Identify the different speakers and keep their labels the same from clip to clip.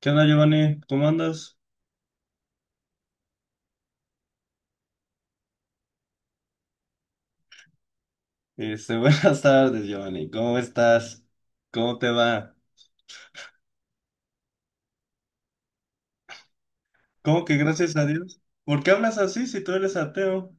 Speaker 1: ¿Qué onda, Giovanni? ¿Cómo andas? Buenas tardes, Giovanni. ¿Cómo estás? ¿Cómo te va? ¿Cómo que gracias a Dios? ¿Por qué hablas así si tú eres ateo?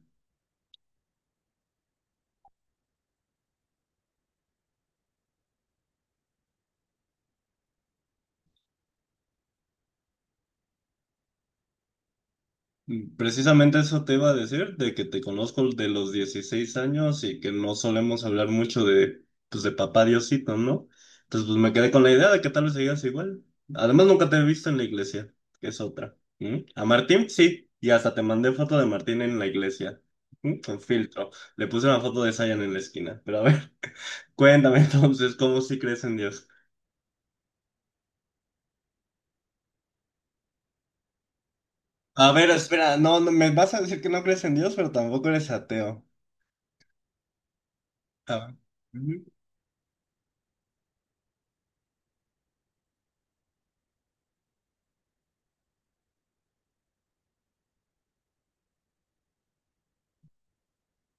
Speaker 1: Mm, precisamente eso te iba a decir, de que te conozco de los 16 años y que no solemos hablar mucho de, pues, de papá Diosito, ¿no? Entonces, pues me quedé con la idea de que tal vez sigas igual. Además, nunca te he visto en la iglesia, que es otra. ¿Mm? A Martín, sí, y hasta te mandé foto de Martín en la iglesia, ¿mm? Con filtro. Le puse una foto de Zion en la esquina, pero a ver, cuéntame entonces, ¿cómo sí crees en Dios? A ver, espera, no, no, me vas a decir que no crees en Dios, pero tampoco eres ateo. A ver.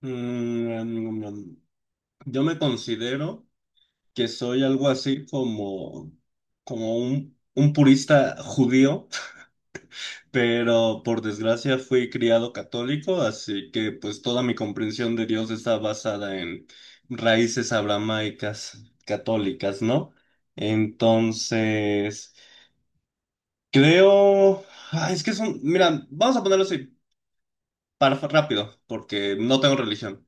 Speaker 1: Mm, yo me considero que soy algo así como, como un purista judío, pero por desgracia fui criado católico, así que pues toda mi comprensión de Dios está basada en raíces abramaicas católicas, ¿no? Entonces, creo, ah, es que son, mira, vamos a ponerlo así, para rápido, porque no tengo religión.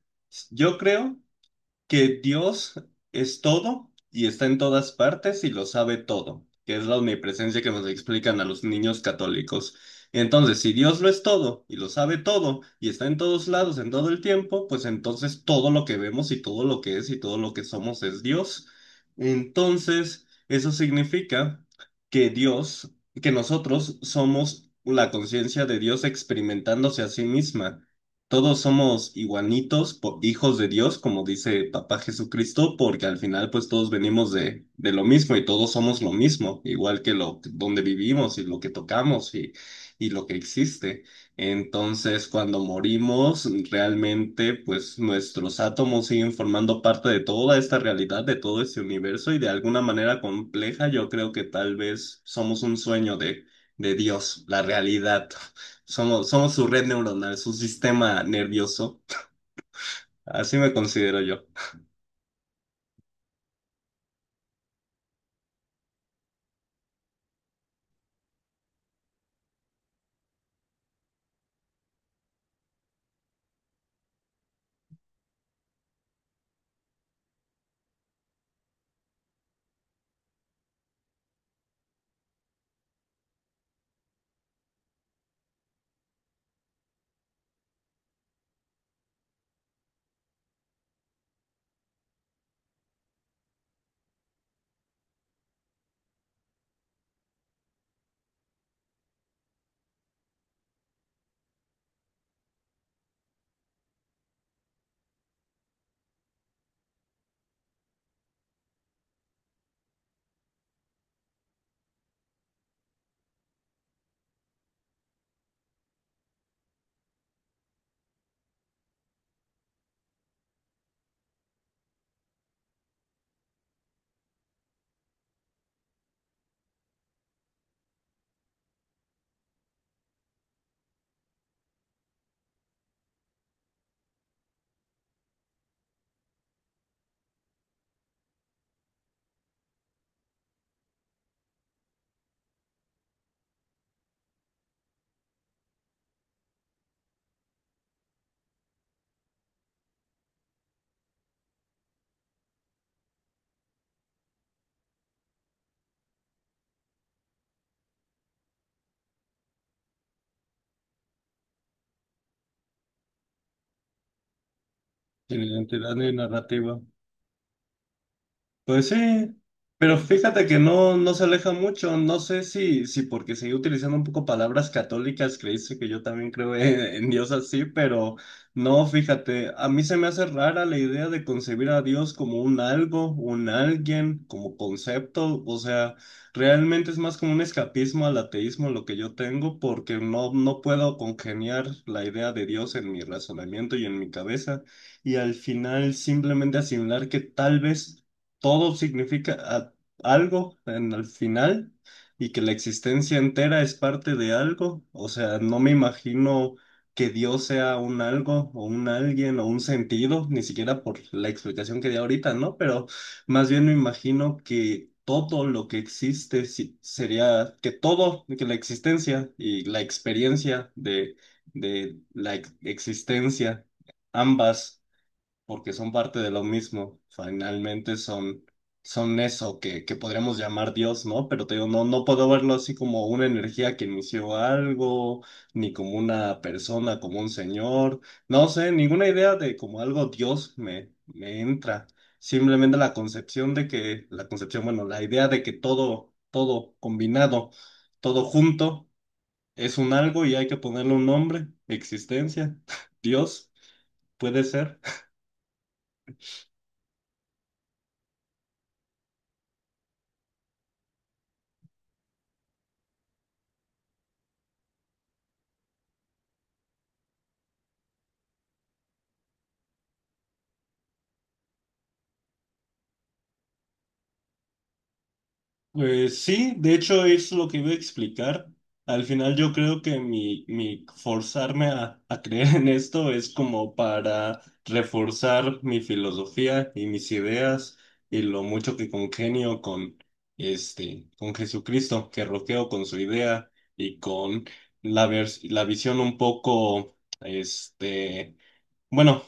Speaker 1: Yo creo que Dios es todo y está en todas partes y lo sabe todo, que es la omnipresencia que nos explican a los niños católicos. Entonces, si Dios lo es todo y lo sabe todo y está en todos lados en todo el tiempo, pues entonces todo lo que vemos y todo lo que es y todo lo que somos es Dios. Entonces, eso significa que Dios, que nosotros somos la conciencia de Dios experimentándose a sí misma. Todos somos igualitos, po- hijos de Dios, como dice Papá Jesucristo, porque al final pues todos venimos de lo mismo y todos somos lo mismo, igual que lo donde vivimos y lo que tocamos y lo que existe. Entonces, cuando morimos, realmente pues nuestros átomos siguen formando parte de toda esta realidad, de todo este universo y de alguna manera compleja, yo creo que tal vez somos un sueño de Dios, la realidad. Somos su red neuronal, su sistema nervioso. Así me considero yo. Identidad y narrativa. Pues sí, pero fíjate que no, no se aleja mucho. No sé si, si porque seguí utilizando un poco palabras católicas, creíste que yo también creo en Dios así, pero no, fíjate, a mí se me hace rara la idea de concebir a Dios como un algo, un alguien, como concepto. O sea, realmente es más como un escapismo al ateísmo lo que yo tengo, porque no, no puedo congeniar la idea de Dios en mi razonamiento y en mi cabeza. Y al final simplemente asimilar que tal vez todo significa a- algo en el final y que la existencia entera es parte de algo. O sea, no me imagino que Dios sea un algo o un alguien o un sentido, ni siquiera por la explicación que di ahorita, ¿no? Pero más bien me imagino que todo lo que existe si- sería que todo, que la existencia y la experiencia de la ex- existencia, ambas porque son parte de lo mismo. Finalmente son, son eso que podríamos llamar Dios, ¿no? Pero te digo, no, no puedo verlo así como una energía que inició algo, ni como una persona, como un señor. No sé, ninguna idea de como algo Dios me, me entra. Simplemente la concepción de que, la concepción, bueno, la idea de que todo, todo combinado, todo junto, es un algo y hay que ponerle un nombre, existencia, Dios, puede ser. Pues sí, de hecho es lo que iba a explicar. Al final yo creo que mi forzarme a creer en esto es como para reforzar mi filosofía y mis ideas y lo mucho que congenio con este, con Jesucristo, que roqueo con su idea y con la vers- la visión un poco, este, bueno,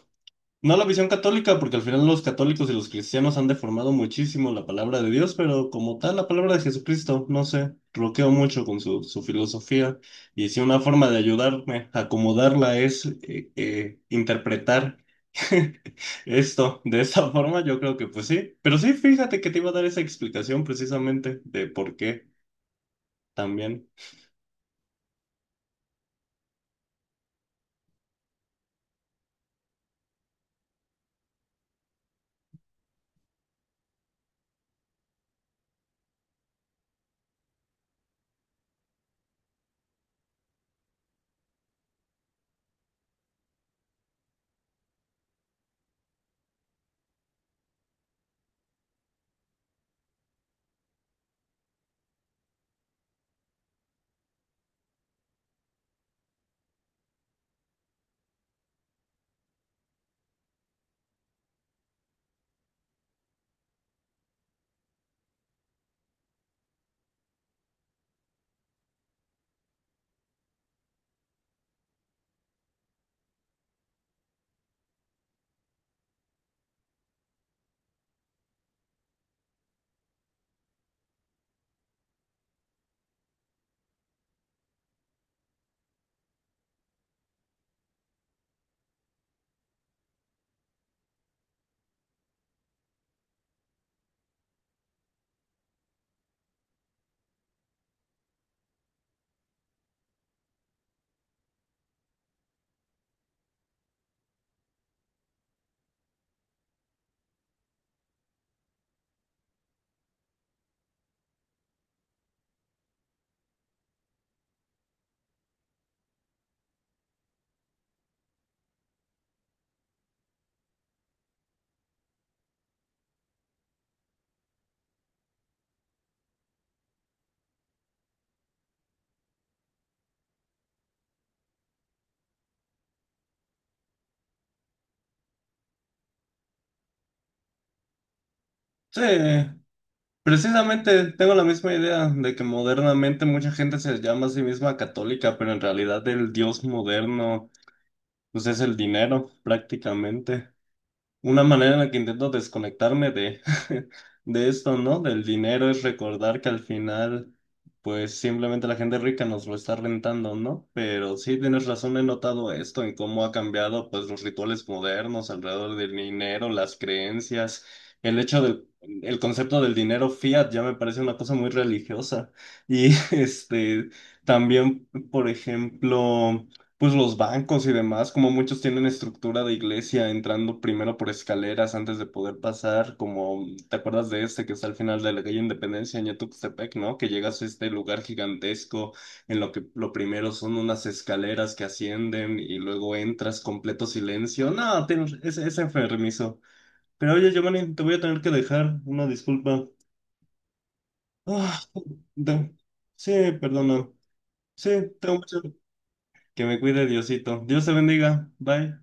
Speaker 1: no la visión católica, porque al final los católicos y los cristianos han deformado muchísimo la palabra de Dios, pero como tal, la palabra de Jesucristo, no sé, bloqueo mucho con su, su filosofía. Y si una forma de ayudarme a acomodarla es interpretar esto de esa forma, yo creo que pues sí. Pero sí, fíjate que te iba a dar esa explicación precisamente de por qué también. Sí, precisamente tengo la misma idea de que modernamente mucha gente se llama a sí misma católica, pero en realidad el dios moderno pues es el dinero prácticamente. Una manera en la que intento desconectarme de, de esto, ¿no? Del dinero es recordar que al final, pues simplemente la gente rica nos lo está rentando, ¿no? Pero sí tienes razón, he notado esto en cómo ha cambiado, pues, los rituales modernos alrededor del dinero, las creencias, el hecho del el concepto del dinero fiat ya me parece una cosa muy religiosa. Y este, también, por ejemplo. Pues los bancos y demás, como muchos tienen estructura de iglesia, entrando primero por escaleras antes de poder pasar, como te acuerdas de este que está al final de la calle Independencia en Tuxtepec, ¿no? Que llegas a este lugar gigantesco en lo que lo primero son unas escaleras que ascienden y luego entras completo silencio. No, tienes- es enfermizo. Pero oye, Giovanni, te voy a tener que dejar una disculpa. Ah, de- sí, perdona. Sí, tengo mucho. Que me cuide Diosito. Dios te bendiga. Bye.